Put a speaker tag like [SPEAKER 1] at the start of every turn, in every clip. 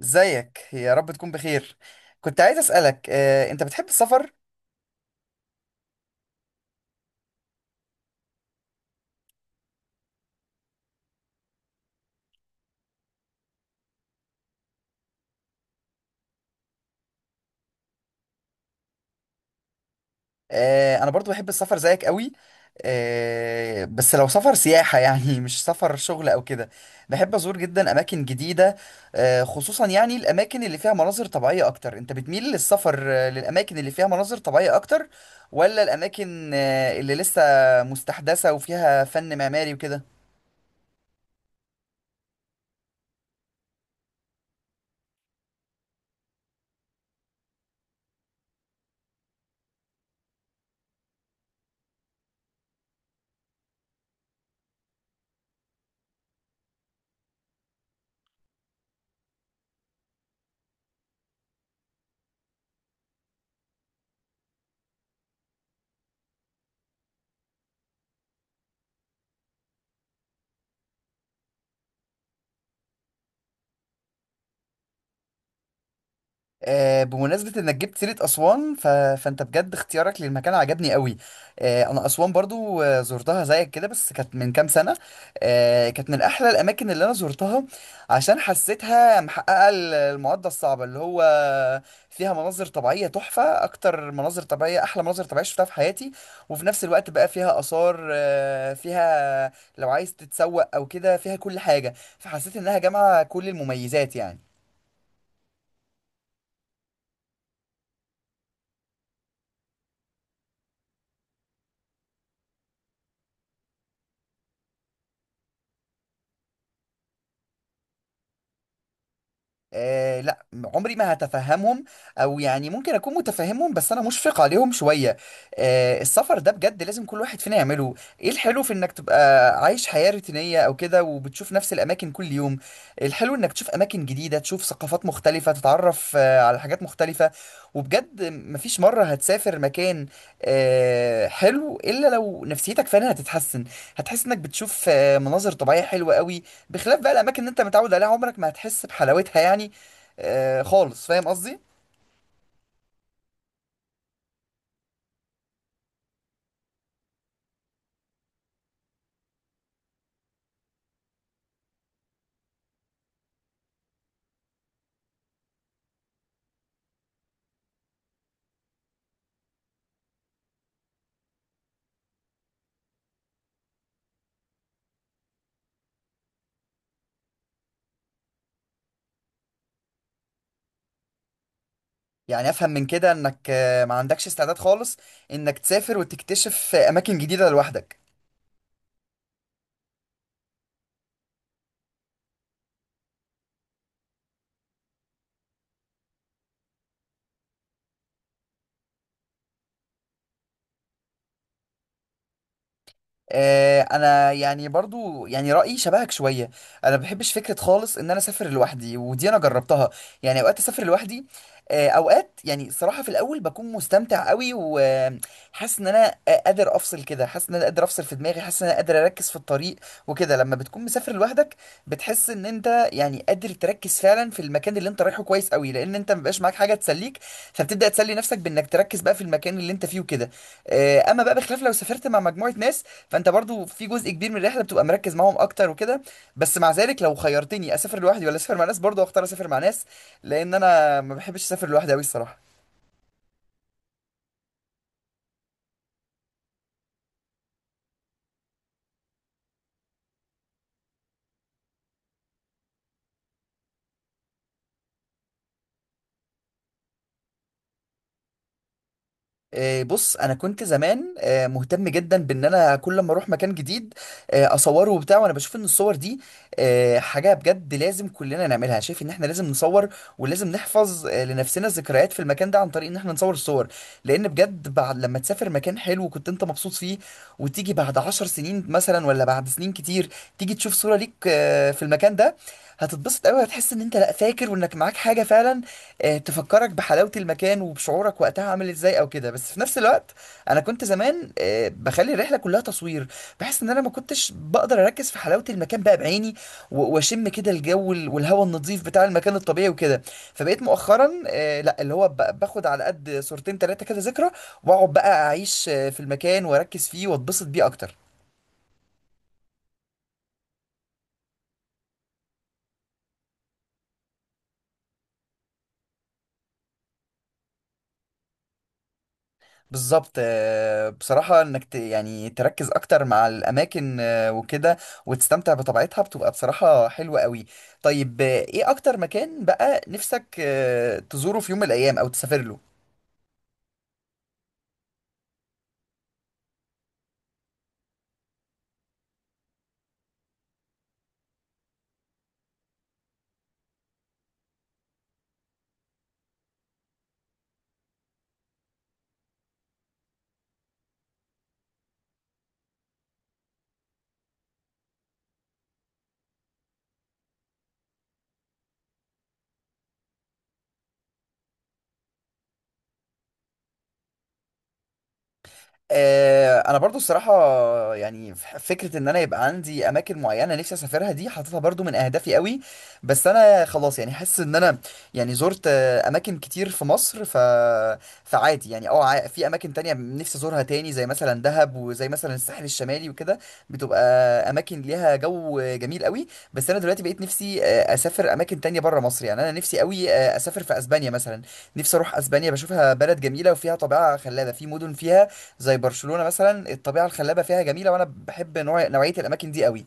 [SPEAKER 1] ازيك؟ يا رب تكون بخير. كنت عايز اسالك، انت بتحب السفر؟ انا برضو بحب السفر زيك قوي. بس لو سفر سياحه يعني مش سفر شغل او كده. بحب ازور جدا اماكن جديده، خصوصا يعني الاماكن اللي فيها مناظر طبيعيه اكتر. انت بتميل للسفر للاماكن اللي فيها مناظر طبيعيه اكتر، ولا الاماكن اللي لسه مستحدثه وفيها فن معماري وكده؟ بمناسبة انك جبت سيرة اسوان، فانت بجد اختيارك للمكان عجبني قوي. انا اسوان برضو زرتها زيك كده، بس كانت من كام سنة. كانت من احلى الاماكن اللي انا زرتها، عشان حسيتها محققة المعادلة الصعبة، اللي هو فيها مناظر طبيعية تحفة، اكتر مناظر طبيعية، احلى مناظر طبيعية شفتها في حياتي. وفي نفس الوقت بقى فيها اثار، فيها لو عايز تتسوق او كده فيها كل حاجة، فحسيت انها جامعة كل المميزات يعني. آه لا، عمري ما هتفهمهم، او يعني ممكن اكون متفهمهم بس انا مشفق عليهم شويه. السفر ده بجد لازم كل واحد فينا يعمله. ايه الحلو في انك تبقى عايش حياه روتينيه او كده، وبتشوف نفس الاماكن كل يوم؟ الحلو انك تشوف اماكن جديده، تشوف ثقافات مختلفه، تتعرف على حاجات مختلفه. وبجد مفيش مره هتسافر مكان حلو الا لو نفسيتك فعلا هتتحسن، هتحس انك بتشوف مناظر طبيعيه حلوه قوي بخلاف بقى الاماكن اللي انت متعود عليها. عمرك ما هتحس بحلاوتها يعني خالص، فاهم قصدي؟ يعني افهم من كده انك ما عندكش استعداد خالص انك تسافر وتكتشف اماكن جديده لوحدك. انا يعني برضو يعني رايي شبهك شويه. انا ما بحبش فكره خالص ان انا اسافر لوحدي، ودي انا جربتها. يعني اوقات اسافر لوحدي، اوقات يعني الصراحه في الاول بكون مستمتع قوي، وحاسس ان انا قادر افصل كده، حاسس ان انا قادر افصل في دماغي، حاسس ان انا قادر اركز في الطريق وكده. لما بتكون مسافر لوحدك بتحس ان انت يعني قادر تركز فعلا في المكان اللي انت رايحه كويس قوي، لان انت مبقاش معاك حاجه تسليك، فبتبدا تسلي نفسك بانك تركز بقى في المكان اللي انت فيه وكده. اما بقى بخلاف لو سافرت مع مجموعه ناس، فانت برضو في جزء كبير من الرحله بتبقى مركز معاهم اكتر وكده. بس مع ذلك لو خيرتني اسافر لوحدي ولا اسافر مع ناس، برضو اختار اسافر مع ناس، لان انا ما بحبش اسافر لوحدي قوي الصراحه. بص انا كنت زمان مهتم جدا بان انا كل ما اروح مكان جديد اصوره وبتاع. وانا بشوف ان الصور دي حاجه بجد لازم كلنا نعملها، شايف ان احنا لازم نصور، ولازم نحفظ لنفسنا الذكريات في المكان ده عن طريق ان احنا نصور الصور. لان بجد بعد لما تسافر مكان حلو كنت انت مبسوط فيه، وتيجي بعد 10 سنين مثلا ولا بعد سنين كتير، تيجي تشوف صوره ليك في المكان ده، هتتبسط قوي. هتحس ان انت لا فاكر وانك معاك حاجه فعلا تفكرك بحلاوة المكان وبشعورك وقتها عامل ازاي او كده. بس في نفس الوقت انا كنت زمان بخلي الرحلة كلها تصوير، بحس ان انا ما كنتش بقدر اركز في حلاوة المكان بقى بعيني، واشم كده الجو والهواء النظيف بتاع المكان الطبيعي وكده. فبقيت مؤخرا لا، اللي هو باخد على قد صورتين تلاتة كده ذكرى، واقعد بقى اعيش في المكان واركز فيه واتبسط بيه اكتر. بالظبط. بصراحة انك يعني تركز اكتر مع الاماكن وكده، وتستمتع بطبيعتها بتبقى بصراحة حلوة قوي. طيب، ايه اكتر مكان بقى نفسك تزوره في يوم من الايام او تسافر له؟ انا برضو الصراحه يعني فكره ان انا يبقى عندي اماكن معينه نفسي اسافرها دي، حاططها برضو من اهدافي قوي. بس انا خلاص يعني حاسس ان انا يعني زرت اماكن كتير في مصر، فعادي يعني. في اماكن تانية نفسي ازورها تاني زي مثلا دهب، وزي مثلا الساحل الشمالي وكده، بتبقى اماكن ليها جو جميل قوي. بس انا دلوقتي بقيت نفسي اسافر اماكن تانية بره مصر. يعني انا نفسي قوي اسافر في اسبانيا مثلا، نفسي اروح اسبانيا. بشوفها بلد جميله وفيها طبيعه خلابه، في مدن فيها زي برشلونة مثلا الطبيعة الخلابة فيها جميلة، وانا بحب نوعية الاماكن دي قوي.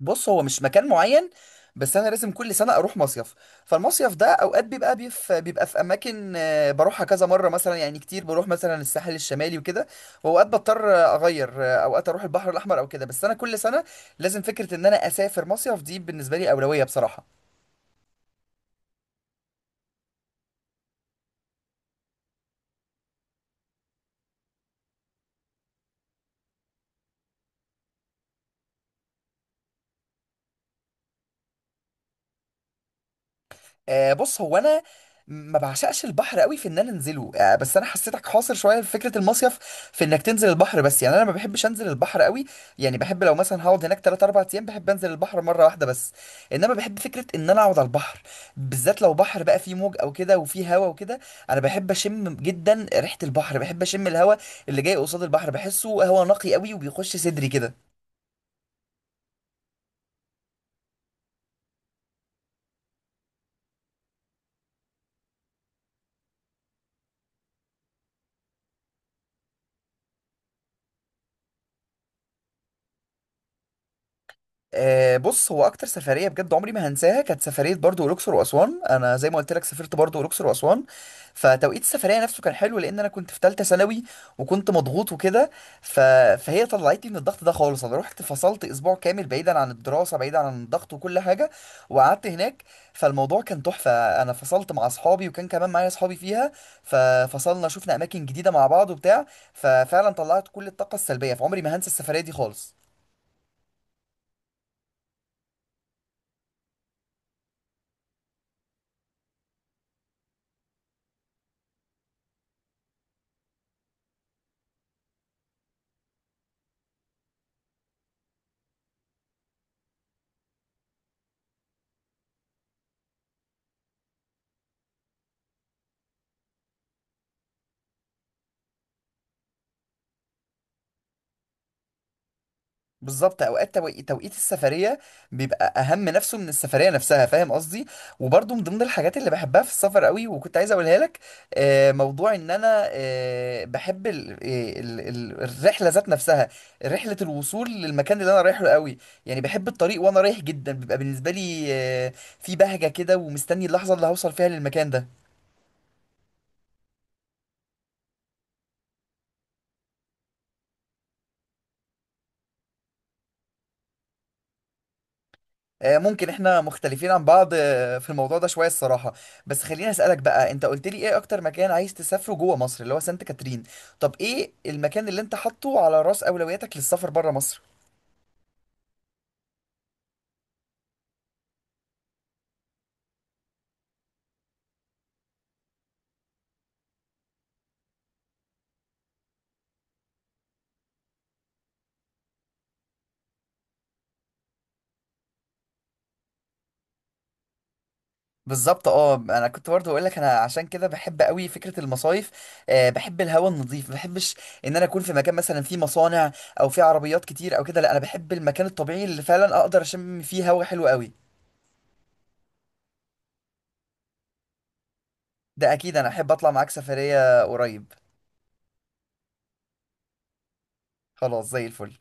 [SPEAKER 1] بص هو مش مكان معين، بس انا لازم كل سنة اروح مصيف. فالمصيف ده اوقات بيبقى بيبقى في اماكن بروحها كذا مرة مثلا، يعني كتير بروح مثلا الساحل الشمالي وكده. واوقات بضطر اغير، اوقات اروح البحر الاحمر او كده. بس انا كل سنة لازم فكرة ان انا اسافر مصيف دي بالنسبة لي اولوية بصراحة. بص هو انا ما بعشقش البحر قوي في ان انا انزله، بس انا حسيتك حاصر شويه في فكره المصيف، في انك تنزل البحر بس. يعني انا ما بحبش انزل البحر قوي. يعني بحب لو مثلا هقعد هناك 3 4 ايام بحب انزل البحر مره واحده بس. انما بحب فكره ان انا اقعد على البحر، بالذات لو بحر بقى فيه موج او كده وفيه هوا وكده. انا بحب اشم جدا ريحه البحر، بحب اشم الهوا اللي جاي قصاد البحر، بحسه هوا نقي قوي وبيخش صدري كده. بص هو اكتر سفريه بجد عمري ما هنساها كانت سفريه برضو الاقصر واسوان. انا زي ما قلت لك سافرت برضو الاقصر واسوان. فتوقيت السفريه نفسه كان حلو لان انا كنت في ثالثه ثانوي وكنت مضغوط وكده، ف... فهي طلعتني من الضغط ده خالص. انا رحت فصلت اسبوع كامل بعيدا عن الدراسه، بعيدا عن الضغط وكل حاجه، وقعدت هناك، فالموضوع كان تحفه. انا فصلت مع اصحابي وكان كمان معايا اصحابي فيها، ففصلنا شفنا اماكن جديده مع بعض وبتاع. ففعلا طلعت كل الطاقه السلبيه، فعمري ما هنسى السفريه دي خالص. بالظبط، اوقات توقيت السفريه بيبقى اهم نفسه من السفريه نفسها، فاهم قصدي؟ وبرضه من ضمن الحاجات اللي بحبها في السفر قوي وكنت عايز اقولها لك، موضوع ان انا بحب الرحله ذات نفسها، رحله الوصول للمكان اللي انا رايحه قوي. يعني بحب الطريق وانا رايح جدا، بيبقى بالنسبه لي في بهجه كده، ومستني اللحظه اللي هوصل فيها للمكان ده. ممكن احنا مختلفين عن بعض في الموضوع ده شوية الصراحة. بس خليني اسألك بقى، انت قلت لي ايه اكتر مكان عايز تسافره جوه مصر اللي هو سانت كاترين، طب ايه المكان اللي انت حاطه على رأس اولوياتك للسفر بره مصر؟ بالظبط اه، انا كنت برضه اقول لك انا عشان كده بحب قوي فكره المصايف. بحب الهواء النظيف، ما بحبش ان انا اكون في مكان مثلا فيه مصانع او فيه عربيات كتير او كده. لا انا بحب المكان الطبيعي اللي فعلا اقدر اشم فيه هواء حلو قوي. ده اكيد، انا احب اطلع معاك سفريه قريب. خلاص زي الفل.